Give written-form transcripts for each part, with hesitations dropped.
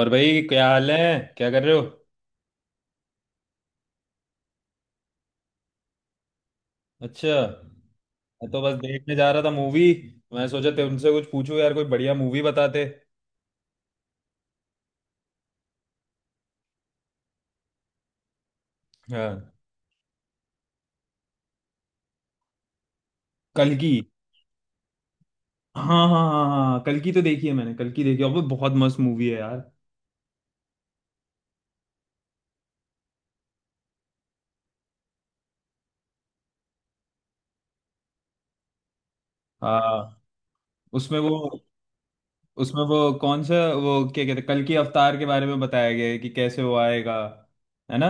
और भाई क्या हाल है। क्या कर रहे हो? अच्छा, मैं तो बस देखने जा रहा था मूवी। मैं सोचा तुमसे कुछ पूछूं यार, कोई बढ़िया मूवी बताते। हाँ, कल की। हाँ हाँ हाँ हाँ, कल की तो देखी है मैंने, कल की देखी है और वो बहुत मस्त मूवी है यार। हाँ, उसमें वो उसमें वो कौन सा वो क्या कहते हैं, कल की अवतार के बारे में बताया गया है कि कैसे वो आएगा, है ना।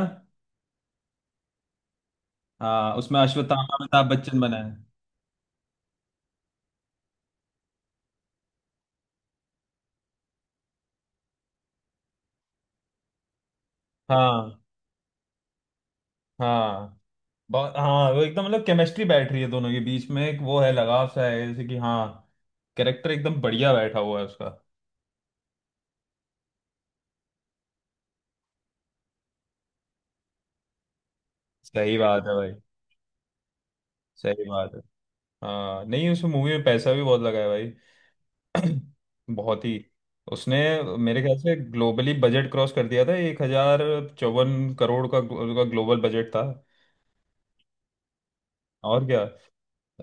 हाँ, उसमें अश्वत्थामा अमिताभ बच्चन बना है। हाँ हाँ, बहुत, हाँ वो एकदम मतलब केमिस्ट्री बैठ रही है दोनों के बीच में, एक वो है लगाव सा है जैसे कि। हाँ, कैरेक्टर एकदम बढ़िया बैठा हुआ है उसका। सही बात है भाई। सही बात है। हाँ नहीं, उस मूवी में पैसा भी बहुत लगा है भाई। बहुत ही उसने, मेरे ख्याल से ग्लोबली बजट क्रॉस कर दिया था, 1,054 करोड़ का उसका ग्लोबल बजट था। और क्या।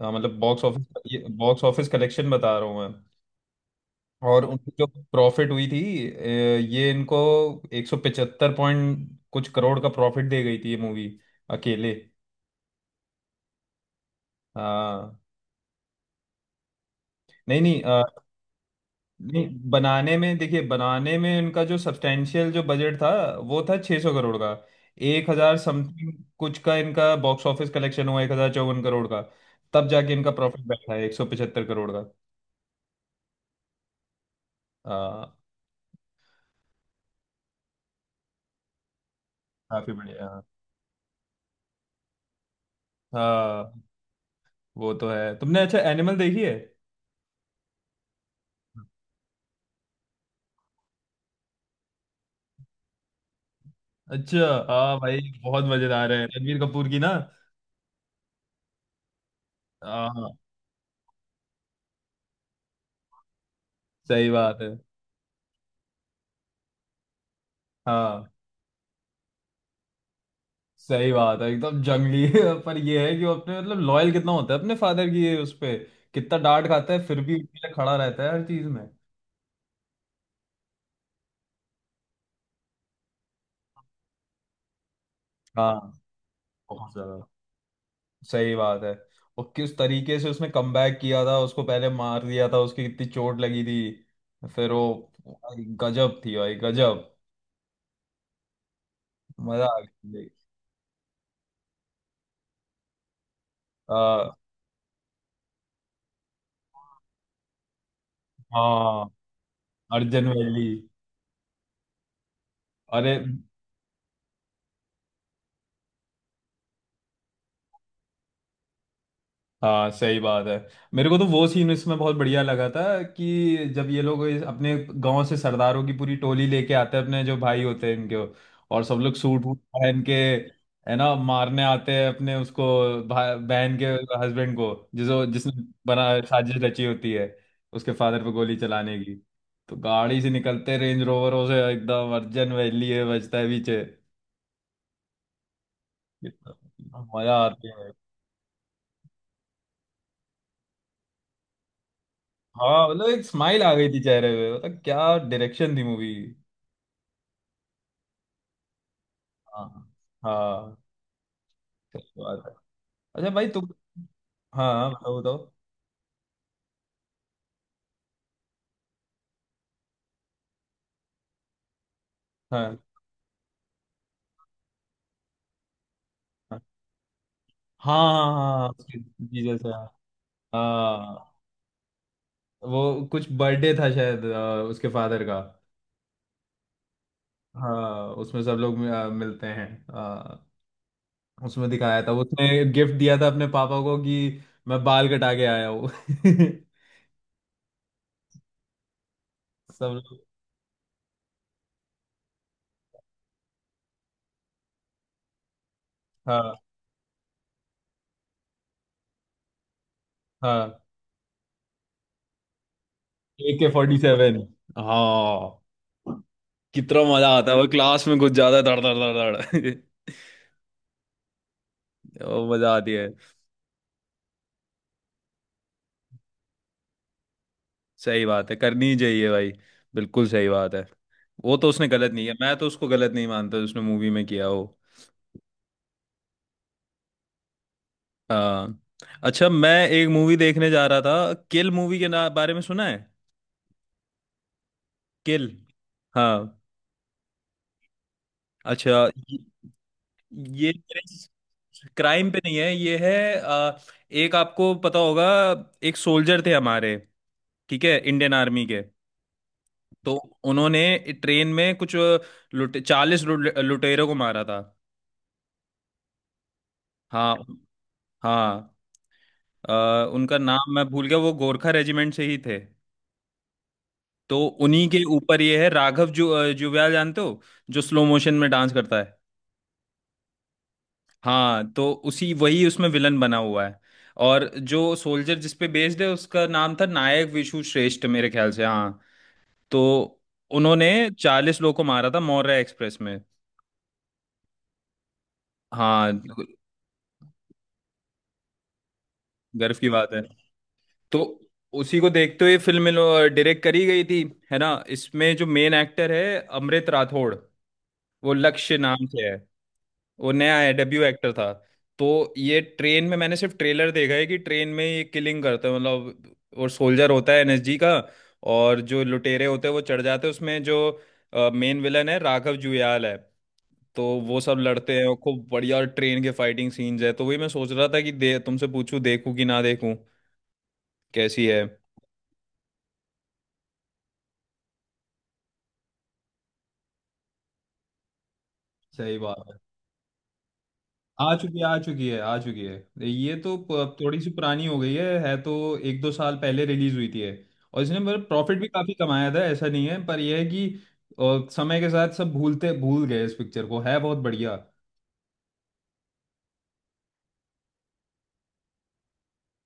हाँ, मतलब बॉक्स ऑफिस कलेक्शन बता रहा हूँ मैं। और उनकी जो प्रॉफिट हुई थी, अ, ये इनको 175 पॉइंट कुछ करोड़ का प्रॉफिट दे गई थी ये मूवी, अकेले। हाँ, नहीं नहीं, नहीं बनाने में, देखिए बनाने में इनका जो सब्सटेंशियल जो बजट था, वो था 600 करोड़ का। एक हजार समथिंग कुछ का इनका बॉक्स ऑफिस कलेक्शन हुआ, 1,054 करोड़ का। तब जाके इनका प्रॉफिट बैठा है 175 करोड़ का। हाँ। काफी बढ़िया। हाँ, वो तो है। तुमने अच्छा एनिमल देखी है? अच्छा, हाँ भाई, बहुत मजेदार है, रणबीर कपूर की ना। हाँ, सही बात है। हाँ, सही बात है। एकदम जंगली है, पर ये है कि वो अपने मतलब लॉयल कितना होता है अपने फादर की, ये उस पे कितना डांट खाता है फिर भी उनके लिए खड़ा रहता है हर चीज में। हाँ, बहुत ज्यादा। सही बात है। और किस तरीके से उसने कमबैक किया था, उसको पहले मार दिया था, उसकी कितनी चोट लगी थी, फिर वो, भाई, गजब थी भाई, गजब। मजा आ गया। आ, हाँ, अर्जन वैली। अरे, हाँ सही बात है। मेरे को तो वो सीन इसमें बहुत बढ़िया लगा था कि जब ये लोग अपने गांव से सरदारों की पूरी टोली लेके आते हैं अपने जो भाई होते हैं इनके, और सब लोग सूट वूट पहन के, है ना, मारने आते हैं अपने उसको, बहन के हस्बैंड को, जिसो जिसने बना साजिश रची होती है उसके फादर पे गोली चलाने की। तो गाड़ी से निकलते, रेंज रोवरों से, एकदम अर्जन वैली है बजता है पीछे। मजा आती है। हाँ, मतलब एक स्माइल आ गई थी चेहरे पे, मतलब क्या डायरेक्शन थी मूवी। हाँ। हाँ, सही बात है। अच्छा भाई, तुम, हाँ हाँ, बताओ बताओ। हाँ हाँ हाँ हाँ, उसके जीजस है। हाँ, वो कुछ बर्थडे था शायद, उसके फादर का। हाँ, उसमें सब लोग मिलते हैं। हाँ, उसमें दिखाया था उसने गिफ्ट दिया था अपने पापा को कि मैं बाल कटा के आया हूँ सब लोग। हाँ हाँ, AK-47। हाँ, कितना मजा आता है, वो क्लास में कुछ ज्यादा धड़ धड़ धड़ धड़। वो मजा आती है। सही बात है, करनी ही चाहिए भाई। बिल्कुल सही बात है। वो तो उसने गलत नहीं किया, मैं तो उसको गलत नहीं मानता जो उसने मूवी में किया वो। आ, अच्छा, मैं एक मूवी देखने जा रहा था, किल मूवी के ना बारे में सुना है? किल। हाँ। अच्छा ये क्राइम पे नहीं है, ये है, एक आपको पता होगा, एक सोल्जर थे हमारे, ठीक है, इंडियन आर्मी के। तो उन्होंने ट्रेन में कुछ लुटे 40 लुटेरों को मारा था। हाँ। हाँ, अ, उनका नाम मैं भूल गया, वो गोरखा रेजिमेंट से ही थे। तो उन्हीं के ऊपर ये है, राघव जुव्याल, जानते हो, जो स्लो मोशन में डांस करता है। हाँ, तो उसी वही उसमें विलन बना हुआ है। और जो सोल्जर, जिस पे बेस्ड है, उसका नाम था नायक विशु श्रेष्ठ, मेरे ख्याल से, हाँ। तो उन्होंने 40 लोग को मारा था, मौर्य एक्सप्रेस में। हाँ। गर्व की बात है। तो उसी को देखते हुए फिल्म डायरेक्ट करी गई थी, है ना। इसमें जो मेन एक्टर है, अमृत राठौड़, वो लक्ष्य नाम से है। वो नया है, डेब्यू एक्टर था। तो ये ट्रेन में, मैंने सिर्फ ट्रेलर देखा है कि ट्रेन में ये किलिंग करता है, मतलब, और सोल्जर होता है एनएसजी का। और जो लुटेरे होते हैं वो चढ़ जाते हैं उसमें, जो मेन विलन है राघव जुयाल है। तो वो सब लड़ते हैं और खूब बढ़िया ट्रेन के फाइटिंग सीन्स है। तो वही मैं सोच रहा था कि दे तुमसे पूछूं, देखूं कि ना देखूं, कैसी है। सही बात। आ चुकी है, आ चुकी है, आ चुकी है। ये तो थोड़ी सी पुरानी हो गई है तो। 1-2 साल पहले रिलीज हुई थी है। और इसने मतलब प्रॉफिट भी काफी कमाया था, ऐसा नहीं है, पर यह है कि समय के साथ सब भूल गए इस पिक्चर को। है बहुत बढ़िया।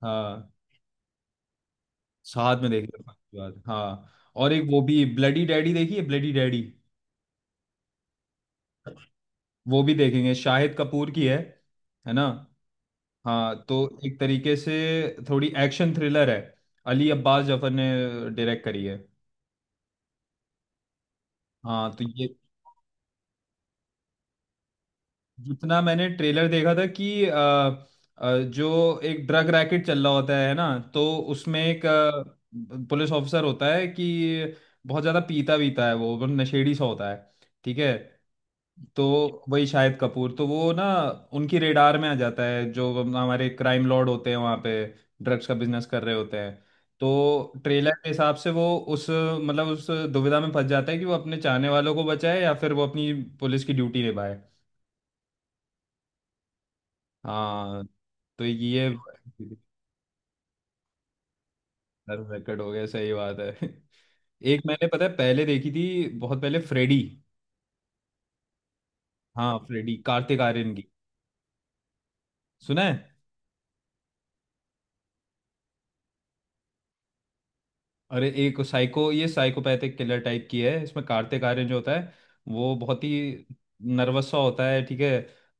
हाँ, साथ में देख लेते हैं इसके बाद। हाँ, और एक वो भी, ब्लडी डैडी देखी है, ब्लडी डैडी? वो भी देखेंगे, शाहिद कपूर की है ना। हाँ तो, एक तरीके से थोड़ी एक्शन थ्रिलर है, अली अब्बास जफर ने डायरेक्ट करी है। हाँ तो ये, जितना मैंने ट्रेलर देखा था कि जो एक ड्रग रैकेट चल रहा होता है ना, तो उसमें एक पुलिस ऑफिसर होता है कि बहुत ज़्यादा पीता वीता है, वो बहुत नशेड़ी सा होता है, ठीक है। तो वही शाहिद कपूर, तो वो ना उनकी रेडार में आ जाता है, जो हमारे क्राइम लॉर्ड होते हैं वहाँ पे, ड्रग्स का बिजनेस कर रहे होते हैं। तो ट्रेलर के हिसाब से वो उस, मतलब उस दुविधा में फंस जाता है कि वो अपने चाहने वालों को बचाए या फिर वो अपनी पुलिस की ड्यूटी निभाए। हाँ तो ये रिकॉर्ड हो गया, सही बात है एक मैंने, पता है, पहले देखी थी, बहुत पहले, फ्रेडी। हाँ, फ्रेडी, कार्तिक आर्यन की। सुना है? अरे, एक साइको, ये साइकोपैथिक किलर टाइप की है, इसमें कार्तिक आर्यन जो होता है, वो बहुत ही नर्वस सा होता है, ठीक है।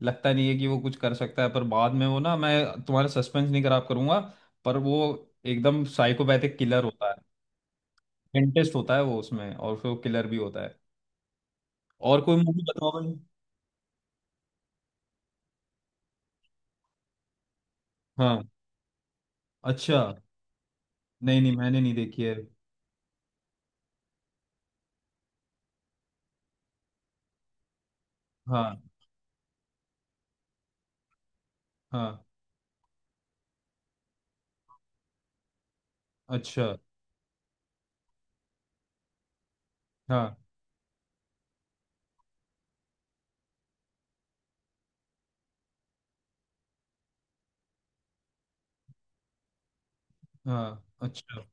लगता नहीं है कि वो कुछ कर सकता है, पर बाद में वो ना, मैं तुम्हारा सस्पेंस नहीं खराब करूंगा, पर वो एकदम साइकोपैथिक किलर होता है। इंटरेस्ट होता है वो उसमें, और फिर वो किलर भी होता है। और कोई मूवी बताओ भाई। हाँ। अच्छा, नहीं नहीं, मैंने नहीं देखी है। हाँ। हाँ। अच्छा। हाँ। हाँ। अच्छा।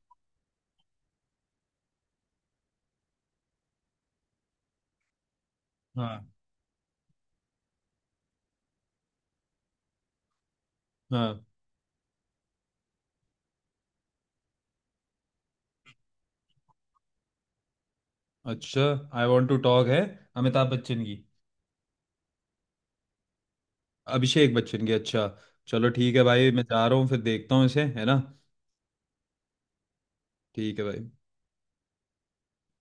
हाँ। हाँ। अच्छा, आई वॉन्ट टू टॉक है, अमिताभ बच्चन की। अभिषेक बच्चन की, अच्छा। चलो ठीक है भाई, मैं जा रहा हूँ, फिर देखता हूँ इसे, है ना। ठीक है भाई।